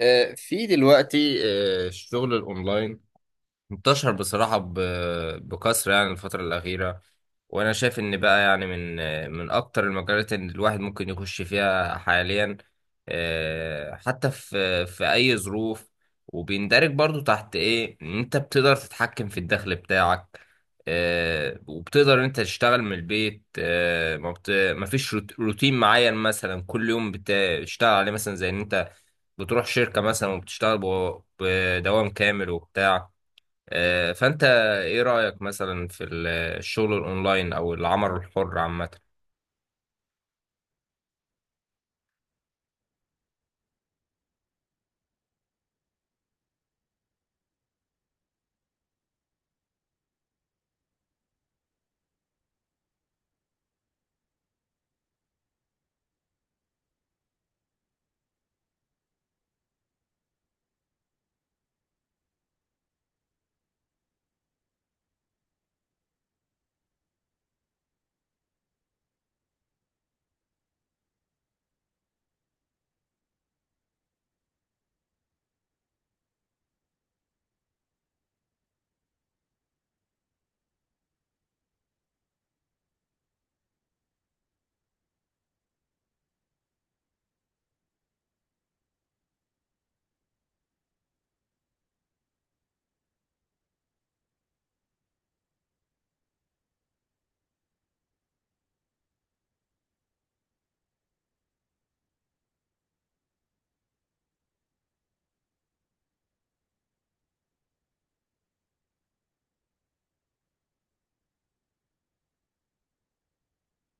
في دلوقتي الشغل الاونلاين انتشر بصراحة بكثرة يعني الفترة الأخيرة. وأنا شايف إن بقى يعني من أكتر المجالات إن الواحد ممكن يخش فيها حاليا، حتى في أي ظروف. وبيندرج برضو تحت إيه إن أنت بتقدر تتحكم في الدخل بتاعك، وبتقدر إن أنت تشتغل من البيت. ما فيش روتين معين مثلا، كل يوم بتشتغل عليه، مثلا زي إن أنت بتروح شركة مثلا وبتشتغل بدوام كامل وبتاع. فأنت إيه رأيك مثلا في الشغل الأونلاين أو العمل الحر عامة؟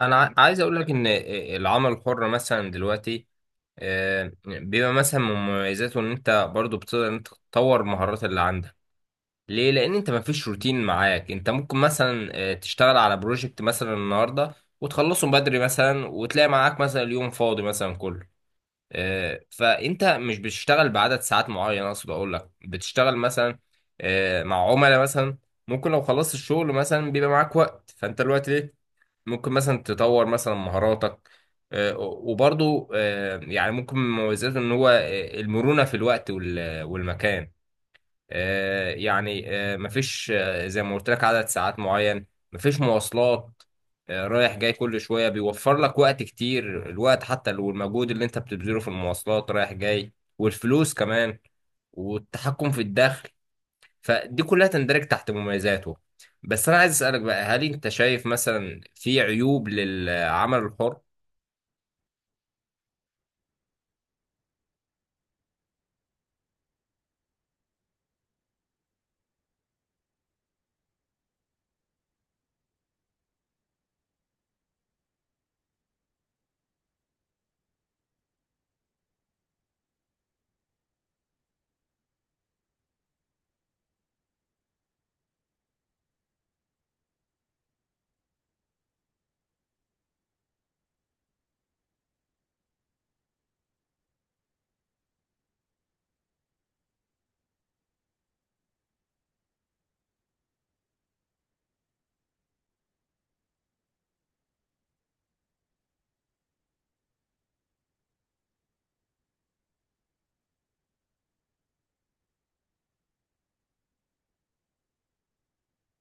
أنا عايز أقول لك إن العمل الحر مثلا دلوقتي بيبقى مثلا من مميزاته إن أنت برضو بتقدر إن أنت تطور المهارات اللي عندك. ليه؟ لأن أنت مفيش روتين معاك، أنت ممكن مثلا تشتغل على بروجكت مثلا النهاردة وتخلصه بدري مثلا، وتلاقي معاك مثلا اليوم فاضي مثلا كله. فانت مش بتشتغل بعدد ساعات معين، اقصد اقول لك بتشتغل مثلا مع عملاء مثلا. ممكن لو خلصت الشغل مثلا بيبقى معاك وقت، فانت الوقت ليه ممكن مثلا تطور مثلا مهاراتك. وبرضو يعني ممكن من مميزاته ان هو المرونة في الوقت والمكان. يعني مفيش زي ما قلت لك عدد ساعات معين. مفيش مواصلات رايح جاي كل شوية، بيوفر لك وقت كتير، الوقت حتى لو المجهود اللي انت بتبذله في المواصلات رايح جاي. والفلوس كمان، والتحكم في الدخل. فدي كلها تندرج تحت مميزاته. بس انا عايز اسألك بقى، هل انت شايف مثلا في عيوب للعمل الحر؟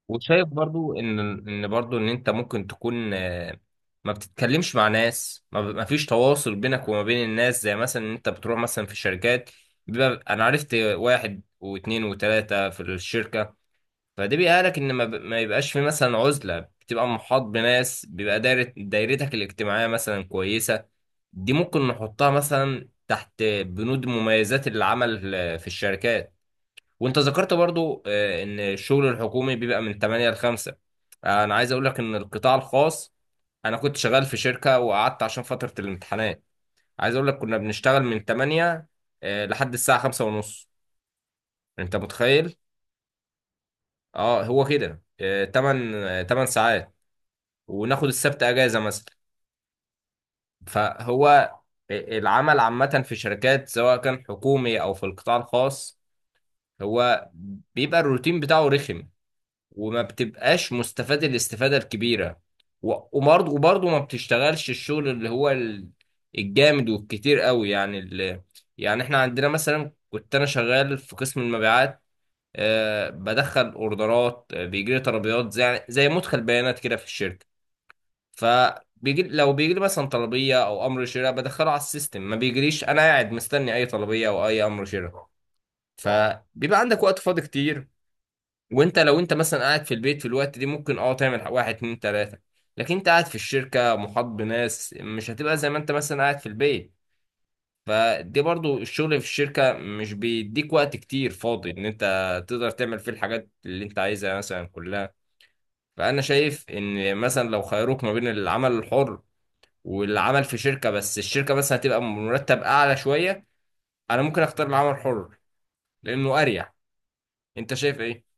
وشايف برضو ان انت ممكن تكون ما بتتكلمش مع ناس، ما فيش تواصل بينك وما بين الناس، زي مثلا ان انت بتروح مثلا في شركات، بيبقى انا عرفت واحد واثنين وثلاثة في الشركة. فده بيقالك ان ما يبقاش في مثلا عزلة، بتبقى محاط بناس، بيبقى دايرتك الاجتماعية مثلا كويسة. دي ممكن نحطها مثلا تحت بنود مميزات العمل في الشركات. وانت ذكرت برضو ان الشغل الحكومي بيبقى من 8 ل 5. انا عايز اقول لك ان القطاع الخاص، انا كنت شغال في شركة وقعدت عشان فترة الامتحانات. عايز اقول لك كنا بنشتغل من 8 لحد الساعة 5 ونص. انت متخيل؟ اه، هو كده. 8 ساعات، وناخد السبت اجازة مثلا. فهو العمل عامة في شركات سواء كان حكومي او في القطاع الخاص، هو بيبقى الروتين بتاعه رخم، وما بتبقاش مستفاد الاستفادة الكبيرة. وبرضه ما بتشتغلش الشغل اللي هو الجامد والكتير قوي، يعني يعني احنا عندنا مثلا. كنت انا شغال في قسم المبيعات، بدخل اوردرات، بيجي لي طلبيات زي مدخل بيانات كده في الشركة. لو بيجي لي مثلا طلبية او امر شراء، بدخله على السيستم. ما بيجريش انا قاعد مستني اي طلبية او اي امر شراء، فبيبقى عندك وقت فاضي كتير. وانت لو انت مثلا قاعد في البيت في الوقت دي ممكن تعمل واحد اتنين تلاتة. لكن انت قاعد في الشركة محاط بناس، مش هتبقى زي ما انت مثلا قاعد في البيت. فدي برضو الشغل في الشركة مش بيديك وقت كتير فاضي ان انت تقدر تعمل فيه الحاجات اللي انت عايزها مثلا كلها. فانا شايف ان مثلا لو خيروك ما بين العمل الحر والعمل في شركة، بس الشركة مثلا هتبقى مرتب اعلى شوية، انا ممكن اختار العمل الحر لانه اريح. انت شايف ايه؟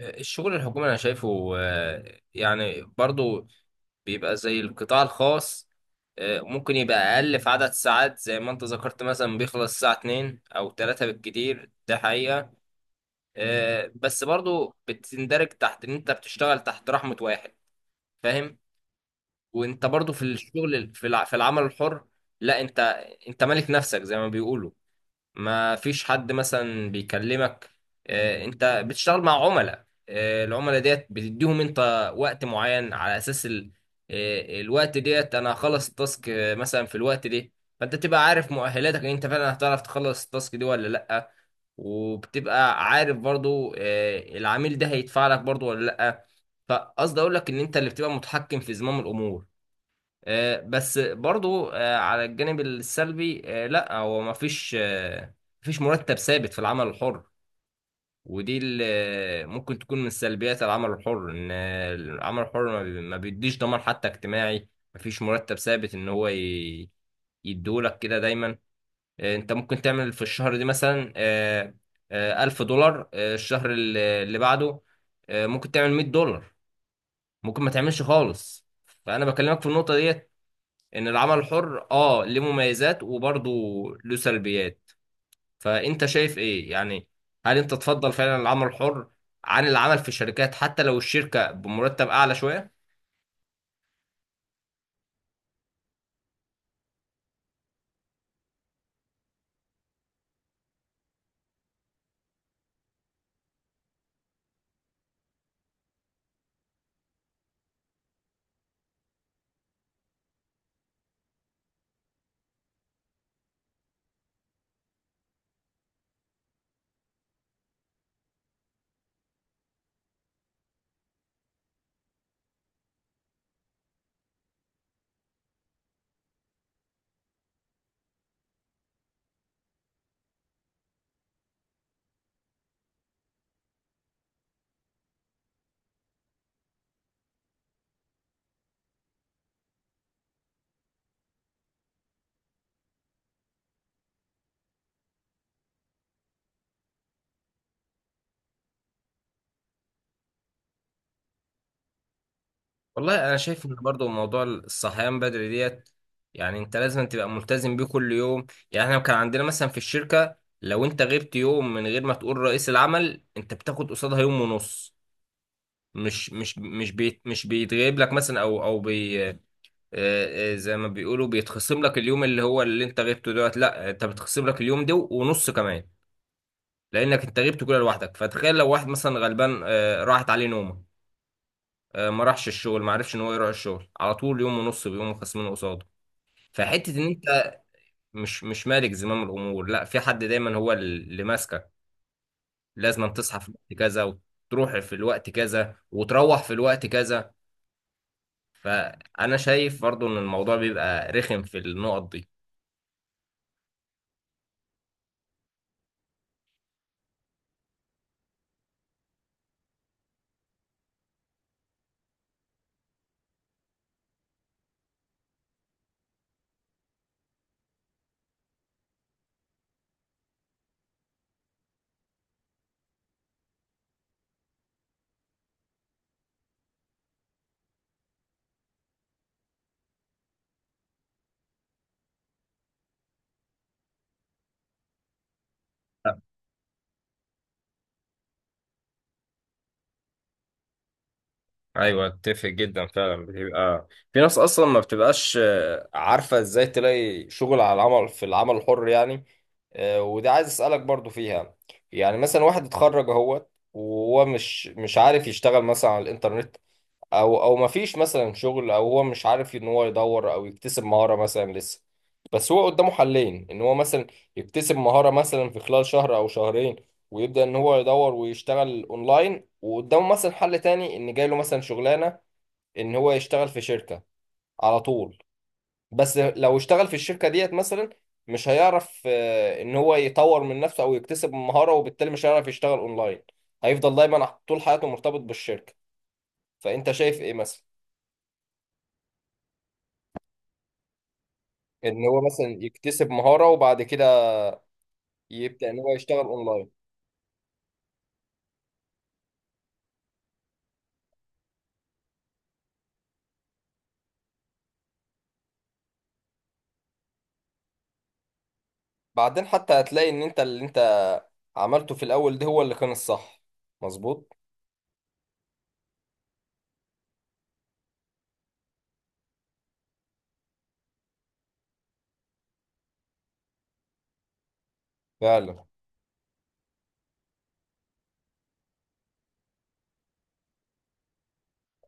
الشغل الحكومي انا شايفه يعني برضو بيبقى زي القطاع الخاص. ممكن يبقى اقل في عدد ساعات زي ما انت ذكرت، مثلا بيخلص الساعة 2 او 3 بالكتير، ده حقيقة. بس برضو بتندرج تحت ان انت بتشتغل تحت رحمة واحد، فاهم؟ وانت برضو في الشغل في في العمل الحر، لا انت مالك نفسك زي ما بيقولوا. ما فيش حد مثلا بيكلمك. انت بتشتغل مع عملاء. العملاء ديت بتديهم انت وقت معين على اساس الوقت ديت انا هخلص التاسك مثلا في الوقت ده. فانت تبقى عارف مؤهلاتك ان انت فعلا هتعرف تخلص التاسك دي ولا لا، وبتبقى عارف برضو العميل ده هيدفع لك برضو ولا لا. فقصدي اقول لك ان انت اللي بتبقى متحكم في زمام الامور. بس برضو على الجانب السلبي، لا هو ما فيش مفيش مرتب ثابت في العمل الحر. ودي اللي ممكن تكون من سلبيات العمل الحر، ان العمل الحر ما بيديش ضمان حتى اجتماعي. ما فيش مرتب ثابت ان هو يديهولك كده دايما. انت ممكن تعمل في الشهر دي مثلا، 1000 دولار. الشهر اللي بعده ممكن تعمل 100 دولار، ممكن ما تعملش خالص. فأنا بكلمك في النقطة دي، ان العمل الحر ليه مميزات وبرضه له سلبيات. فانت شايف ايه يعني؟ هل انت تفضل فعلا العمل الحر عن العمل في الشركات حتى لو الشركة بمرتب اعلى شوية؟ والله انا شايف ان برضه موضوع الصحيان بدري ديت، يعني انت لازم تبقى ملتزم بيه كل يوم. يعني احنا كان عندنا مثلا في الشركة، لو انت غبت يوم من غير ما تقول رئيس العمل، انت بتاخد قصادها يوم ونص. مش بيتغيب لك مثلا او بي. زي ما بيقولوا بيتخصم لك اليوم اللي هو اللي انت غبته دوت، لا انت بتخصم لك اليوم ده ونص كمان، لانك انت غبت كده لوحدك. فتخيل لو واحد مثلا غلبان راحت عليه نومه، ما راحش الشغل، ما عرفش ان هو يروح الشغل، على طول يوم ونص بيقوموا خصمينه قصاده. ان انت مش مالك زمام الامور، لا، في حد دايما هو اللي ماسكك. لازم تصحى في الوقت كذا وتروح في الوقت كذا فانا شايف برضو ان الموضوع بيبقى رخم في النقط دي. ايوه، اتفق جدا فعلا. بتبقى في ناس اصلا ما بتبقاش عارفه ازاي تلاقي شغل على العمل في العمل الحر يعني. وده عايز اسالك برضو فيها. يعني مثلا واحد اتخرج اهوت وهو مش عارف يشتغل مثلا على الانترنت، او ما فيش مثلا شغل، او هو مش عارف ان هو يدور او يكتسب مهاره مثلا لسه. بس هو قدامه حلين، ان هو مثلا يكتسب مهاره مثلا في خلال شهر او شهرين، ويبدا ان هو يدور ويشتغل اونلاين. وقدامه مثلا حل تاني ان جاي له مثلا شغلانه، ان هو يشتغل في شركة على طول. بس لو اشتغل في الشركة ديت مثلا، مش هيعرف ان هو يطور من نفسه او يكتسب مهارة، وبالتالي مش هيعرف يشتغل اونلاين، هيفضل دايما طول حياته مرتبط بالشركة. فانت شايف ايه مثلا، ان هو مثلا يكتسب مهارة وبعد كده يبدأ ان هو يشتغل اونلاين؟ بعدين حتى هتلاقي ان انت اللي انت عملته في الاول ده هو اللي كان الصح، مظبوط. فعلا.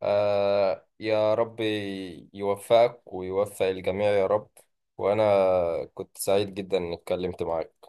آه يا رب، يوفقك ويوفق الجميع يا رب. وأنا كنت سعيد جدا إني اتكلمت معاك.